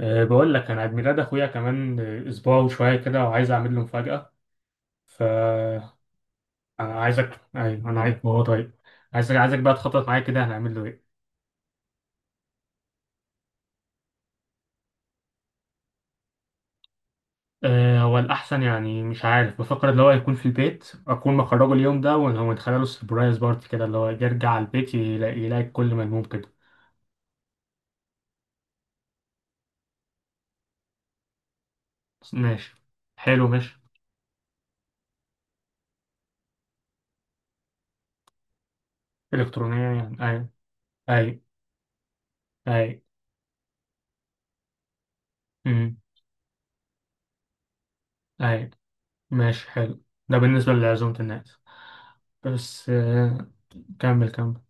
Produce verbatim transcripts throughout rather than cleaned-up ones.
أه بقول لك انا عيد ميلاد اخويا كمان، آه، اسبوع وشويه كده وعايز اعمل له مفاجاه. ف انا عايزك. ايوه انا عارف هو طيب. عايزك عايزك بقى تخطط معايا كده، هنعمل له ايه؟ أه هو الاحسن يعني. مش عارف، بفكر اللي هو يكون في البيت، اكون مخرجه اليوم ده ونخلي له سربرايز بارتي كده، اللي هو يرجع البيت يلاقي, يلاقي كل ملموم كده. ماشي، حلو ماشي. الكترونيه يعني، ايوه. ايوه. ايوه. امم ايوه. ماشي حلو. ده بالنسبه لعزومه الناس. بس أه كمل كمل.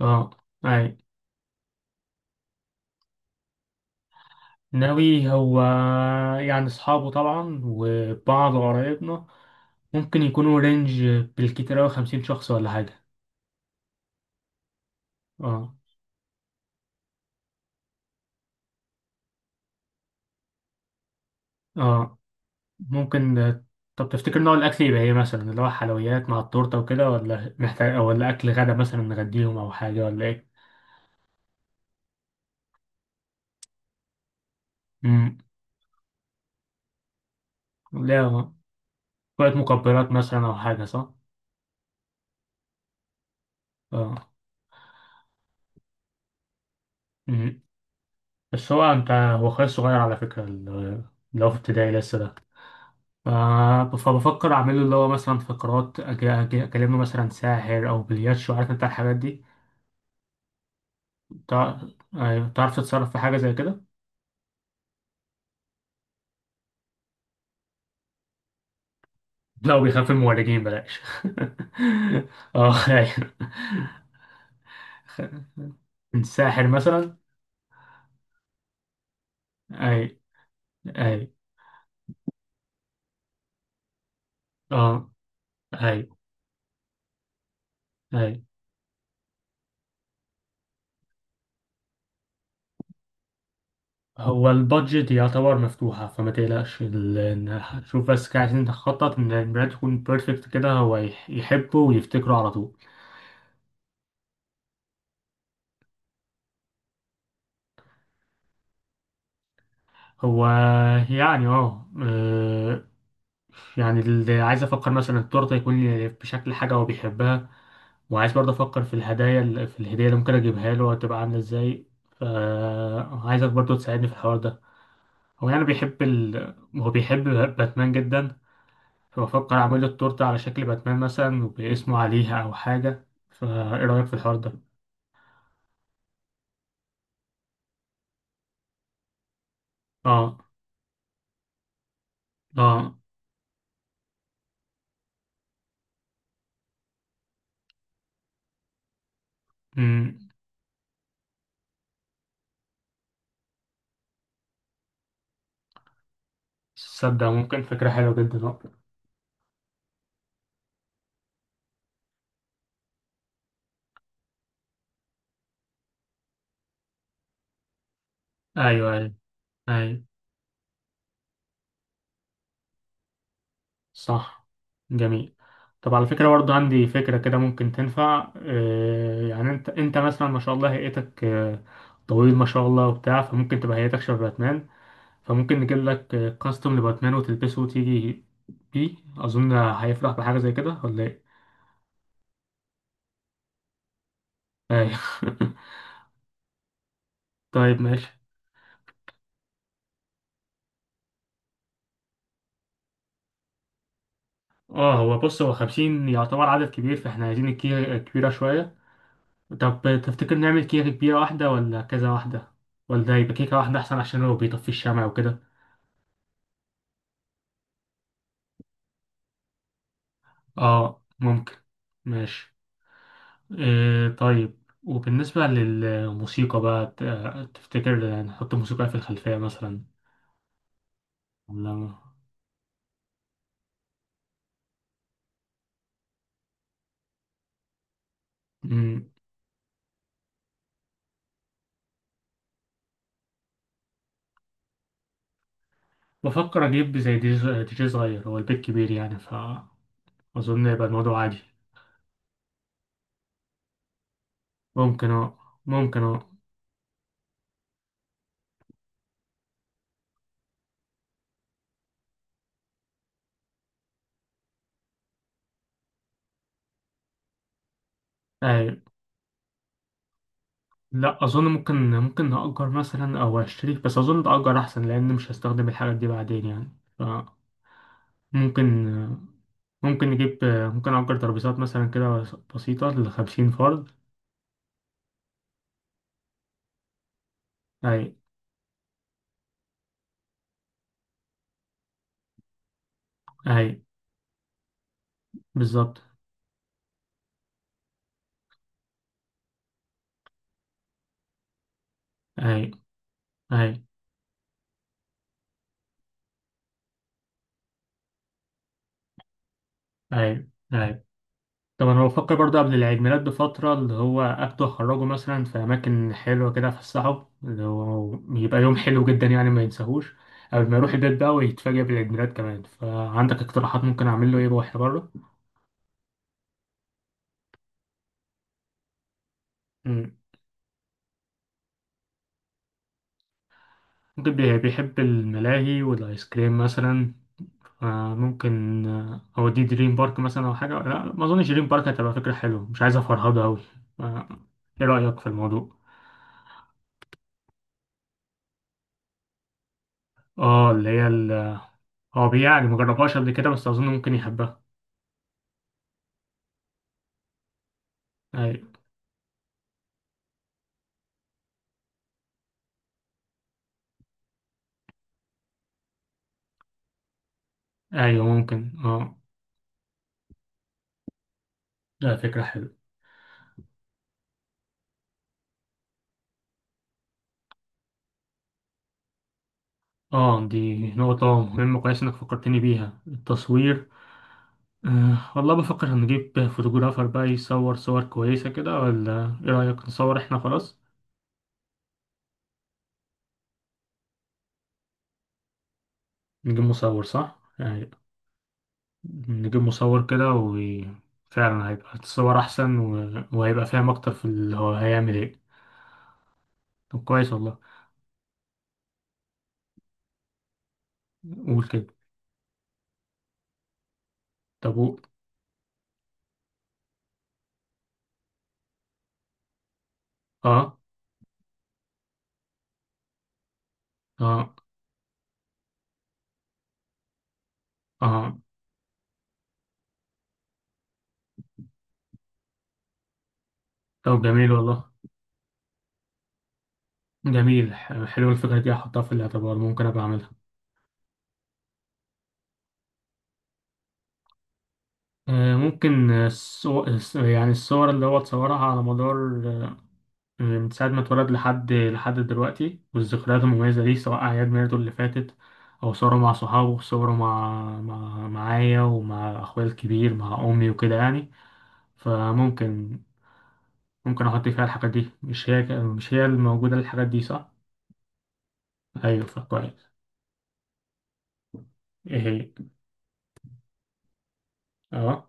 اه. اي. ناوي هو، يعني اصحابه طبعا وبعض قرايبنا، ممكن يكونوا رينج بالكتير اوي خمسين شخص ولا حاجة. اه. اه ممكن. طب تفتكر نوع الاكل يبقى ايه؟ مثلا اللي هو حلويات مع التورتة وكده، ولا محتاج أو ولا اكل غدا مثلا نغديهم او حاجة، ولا ايه؟ امم لا، شوية مقبلات مثلا او حاجة، صح؟ اه. امم بس هو انت، هو خالص صغير على فكرة، ال- اللي هو في ابتدائي لسه ده. ف- فبفكر أعمله اللي هو مثلا فقرات، أج- أج- أكلمه مثلا ساحر أو بلياتشو، عارف أنت الحاجات دي. تع- أيوة، تعرف تتصرف في حاجة زي كده؟ لا، وبيخاف من المورجين بلاش. اه أيوة. من ساحر مثلا. أي. أي. اه. أي. أي. هو البادجت يعتبر مفتوحة فما تقلقش، ال- إن- شوف بس كده، عايزين نخطط إن البراند تكون بيرفكت كده، هو يح- يحبه ويفتكره على طول. هو يعني، اه آه، يعني اللي عايز افكر مثلا التورته يكون بشكل حاجه هو بيحبها، وعايز برضه افكر في الهدايا اللي- في الهديه اللي ممكن اجيبها له، هتبقى عامله ازاي؟ فعايزك برضه تساعدني في الحوار ده. هو يعني بيحب ال... هو بيحب باتمان جدا، فبفكر اعمل له التورته على شكل باتمان مثلا وباسمه عليها او حاجه. فايه رايك في الحوار ده؟ اه. اه. امم تصدق ممكن فكره حلوه جدا آه. ايوه. ايوه. ايوه. صح. جميل. طب على فكرة برضه عندي فكرة كده ممكن تنفع، آه، يعني انت انت مثلا ما شاء الله هيئتك آه، طويل ما شاء الله وبتاع، فممكن تبقى هيئتك شبه باتمان. فممكن نجيب لك آه، كاستم لباتمان وتلبسه وتيجي بيه. اظن هيفرح بحاجة زي كده، ولا ايه؟ أيوه. طيب ماشي. اه هو بص، هو خمسين يعتبر عدد كبير، فاحنا عايزين الكيكة كبيرة شوية. طب تفتكر نعمل كيكة كبيرة واحدة ولا كذا واحدة، ولا يبقى كيكة واحدة أحسن عشان هو بيطفي الشمع وكده؟ اه ممكن. ماشي. إيه طيب، وبالنسبة للموسيقى بقى، ت- تفتكر نحط موسيقى في الخلفية مثلا، ولا ما- مم. بفكر أجيب زي دي جي، دي جي صغير. هو البيت كبير يعني، فأظن يبقى الموضوع عادي. ممكن اه. ممكن اه. أي. لا أظن، ممكن ممكن نأجر مثلا أو أشتري، بس أظن تأجر أحسن لأن مش هستخدم الحاجات دي بعدين يعني. ممكن ممكن نجيب ممكن أجر ترابيزات مثلا كده بسيطة لخمسين فرد. أي. أي. بالظبط. أي. أي. أي. أي. طب أنا بفكر برضه قبل العيد ميلاد بفترة، اللي هو أخده أخرجه مثلا في أماكن حلوة كده، أفسحه اللي هو يبقى يوم حلو جدا يعني ما ينساهوش. قبل ما يروح البيت بقى ويتفاجئ بالعيد ميلاد كمان. فعندك اقتراحات ممكن أعمل له إيه وإحنا بره؟ مم. ممكن بي- بيحب الملاهي والآيس كريم مثلا. آه، ممكن آه، أوديه دريم بارك مثلا أو حاجة. لا ما أظنش دريم بارك هتبقى فكرة حلوة، مش عايز أفرهده أوي. آه، إيه رأيك في الموضوع؟ آه اللي هي ال- آه، هو بيعني مجربهاش قبل كده، بس أظن ممكن يحبها. أيوة. أيوة ممكن آه. لا فكرة حلوة. آه دي نقطة مهمة، كويس إنك فكرتني بيها، التصوير. آه والله بفكر هنجيب فوتوغرافر بقى يصور صور كويسة كده، ولا إيه رأيك نصور إحنا خلاص؟ نجيب مصور صح؟ أيوة. نجيب مصور كده وفعلا هيبقى الصور أحسن، و... وهيبقى فاهم أكتر في اللي هو هيعمل إيه. طب كويس والله. قول كده. طب و... آه. آه. آه. طب جميل والله. جميل، ح- حلوة الفكرة دي، هحطها في الاعتبار ممكن أبقى أعملها. آه ممكن الصور، يعني الصور اللي هو تصورها على مدار، من ساعة ما اتولد لحد لحد دلوقتي، والذكريات المميزة دي سواء أعياد ميلاده اللي فاتت أو صوره مع صحابه، صوره مع، مع معايا ومع أخويا الكبير مع أمي وكده يعني. فممكن ممكن أحط فيها الحاجات دي. مش هي مش هي الموجودة الحاجات دي صح؟ أيوة فكويس. إيه هي؟ أه.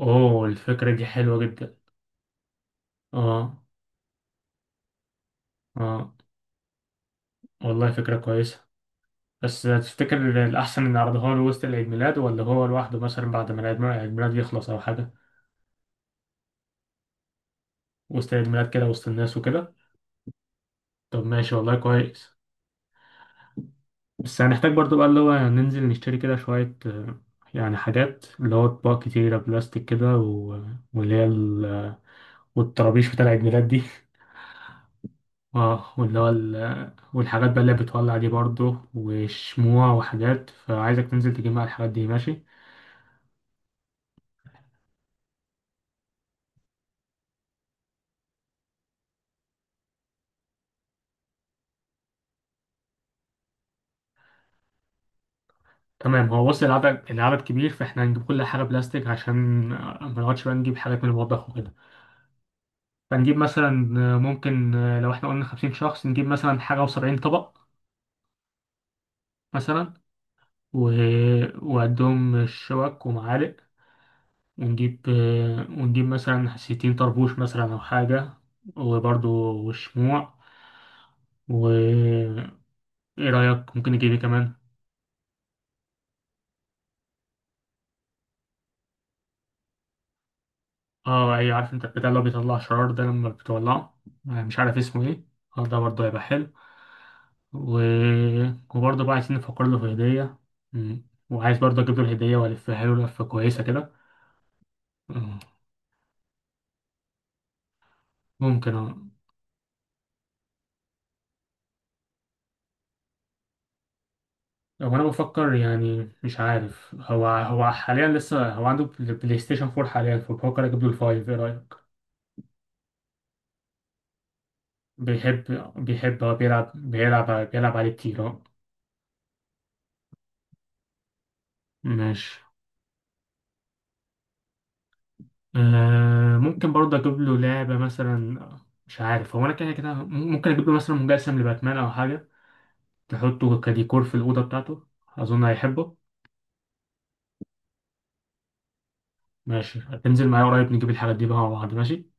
أوه الفكرة دي حلوة جدا. أه. أه والله فكرة كويسة. بس تفتكر الأحسن إن أعرضها له وسط العيد ميلاد، ولا هو لوحده مثلا بعد ما العيد ميلاد يخلص أو حاجة؟ وسط عيد ميلاد كده، وسط الناس وكده. طب ماشي والله كويس. بس هنحتاج برضو بقى اللي هو ننزل نشتري كده شوية، آه، يعني حاجات اللي هو أطباق كتيرة بلاستيك كده و... واللي هي ال... والطرابيش بتاع عيد ميلاد دي. اه واللي هو ال... والحاجات بقى اللي بتولع دي برضو، وشموع وحاجات. فعايزك تنزل تجيب معايا الحاجات دي، ماشي. تمام. هو بص العدد، العدد كبير، فاحنا هنجيب كل حاجة بلاستيك عشان آه، ما نقعدش بقى نجيب حاجات من المطبخ وكده. فنجيب مثلا آه، ممكن آه، لو احنا قلنا خمسين شخص، نجيب مثلا حاجة وسبعين طبق مثلا، و... وقدهم شوك ومعالق. ونجيب آه، ونجيب مثلا ستين طربوش مثلا أو حاجة. وبرضو والشموع. و إيه رأيك ممكن نجيب ايه كمان؟ اه ايوه، عارف انت البتاع اللي هو بيطلع شرار ده لما بتولعه؟ آه، مش عارف اسمه ايه. اه ده برضه هيبقى حلو. و... وبرضه بقى عايزين نفكر له في هدية. مم. وعايز برضه اجيب له الهدية والفها له لفة كويسة كده. مم. ممكن اه. هو انا بفكر يعني، مش عارف، هو هو حاليا لسه هو عنده بل- بلاي ستيشن فور حاليا، فبفكر اجيب له الفايف، ايه رأيك؟ بيحب. بيحب. هو بيلعب، بيلعب بيلعب عليه كتير اه. ماشي. آه ممكن برضه اجيب له لعبه مثلا. مش عارف هو، انا كده كده ممكن اجيب له مثلا مجسم لباتمان او حاجه، تحطه كديكور في الاوضه بتاعته، اظن هيحبه. ماشي، هتنزل معايا قريب نجيب الحاجات دي بقى مع بعض، ماشي.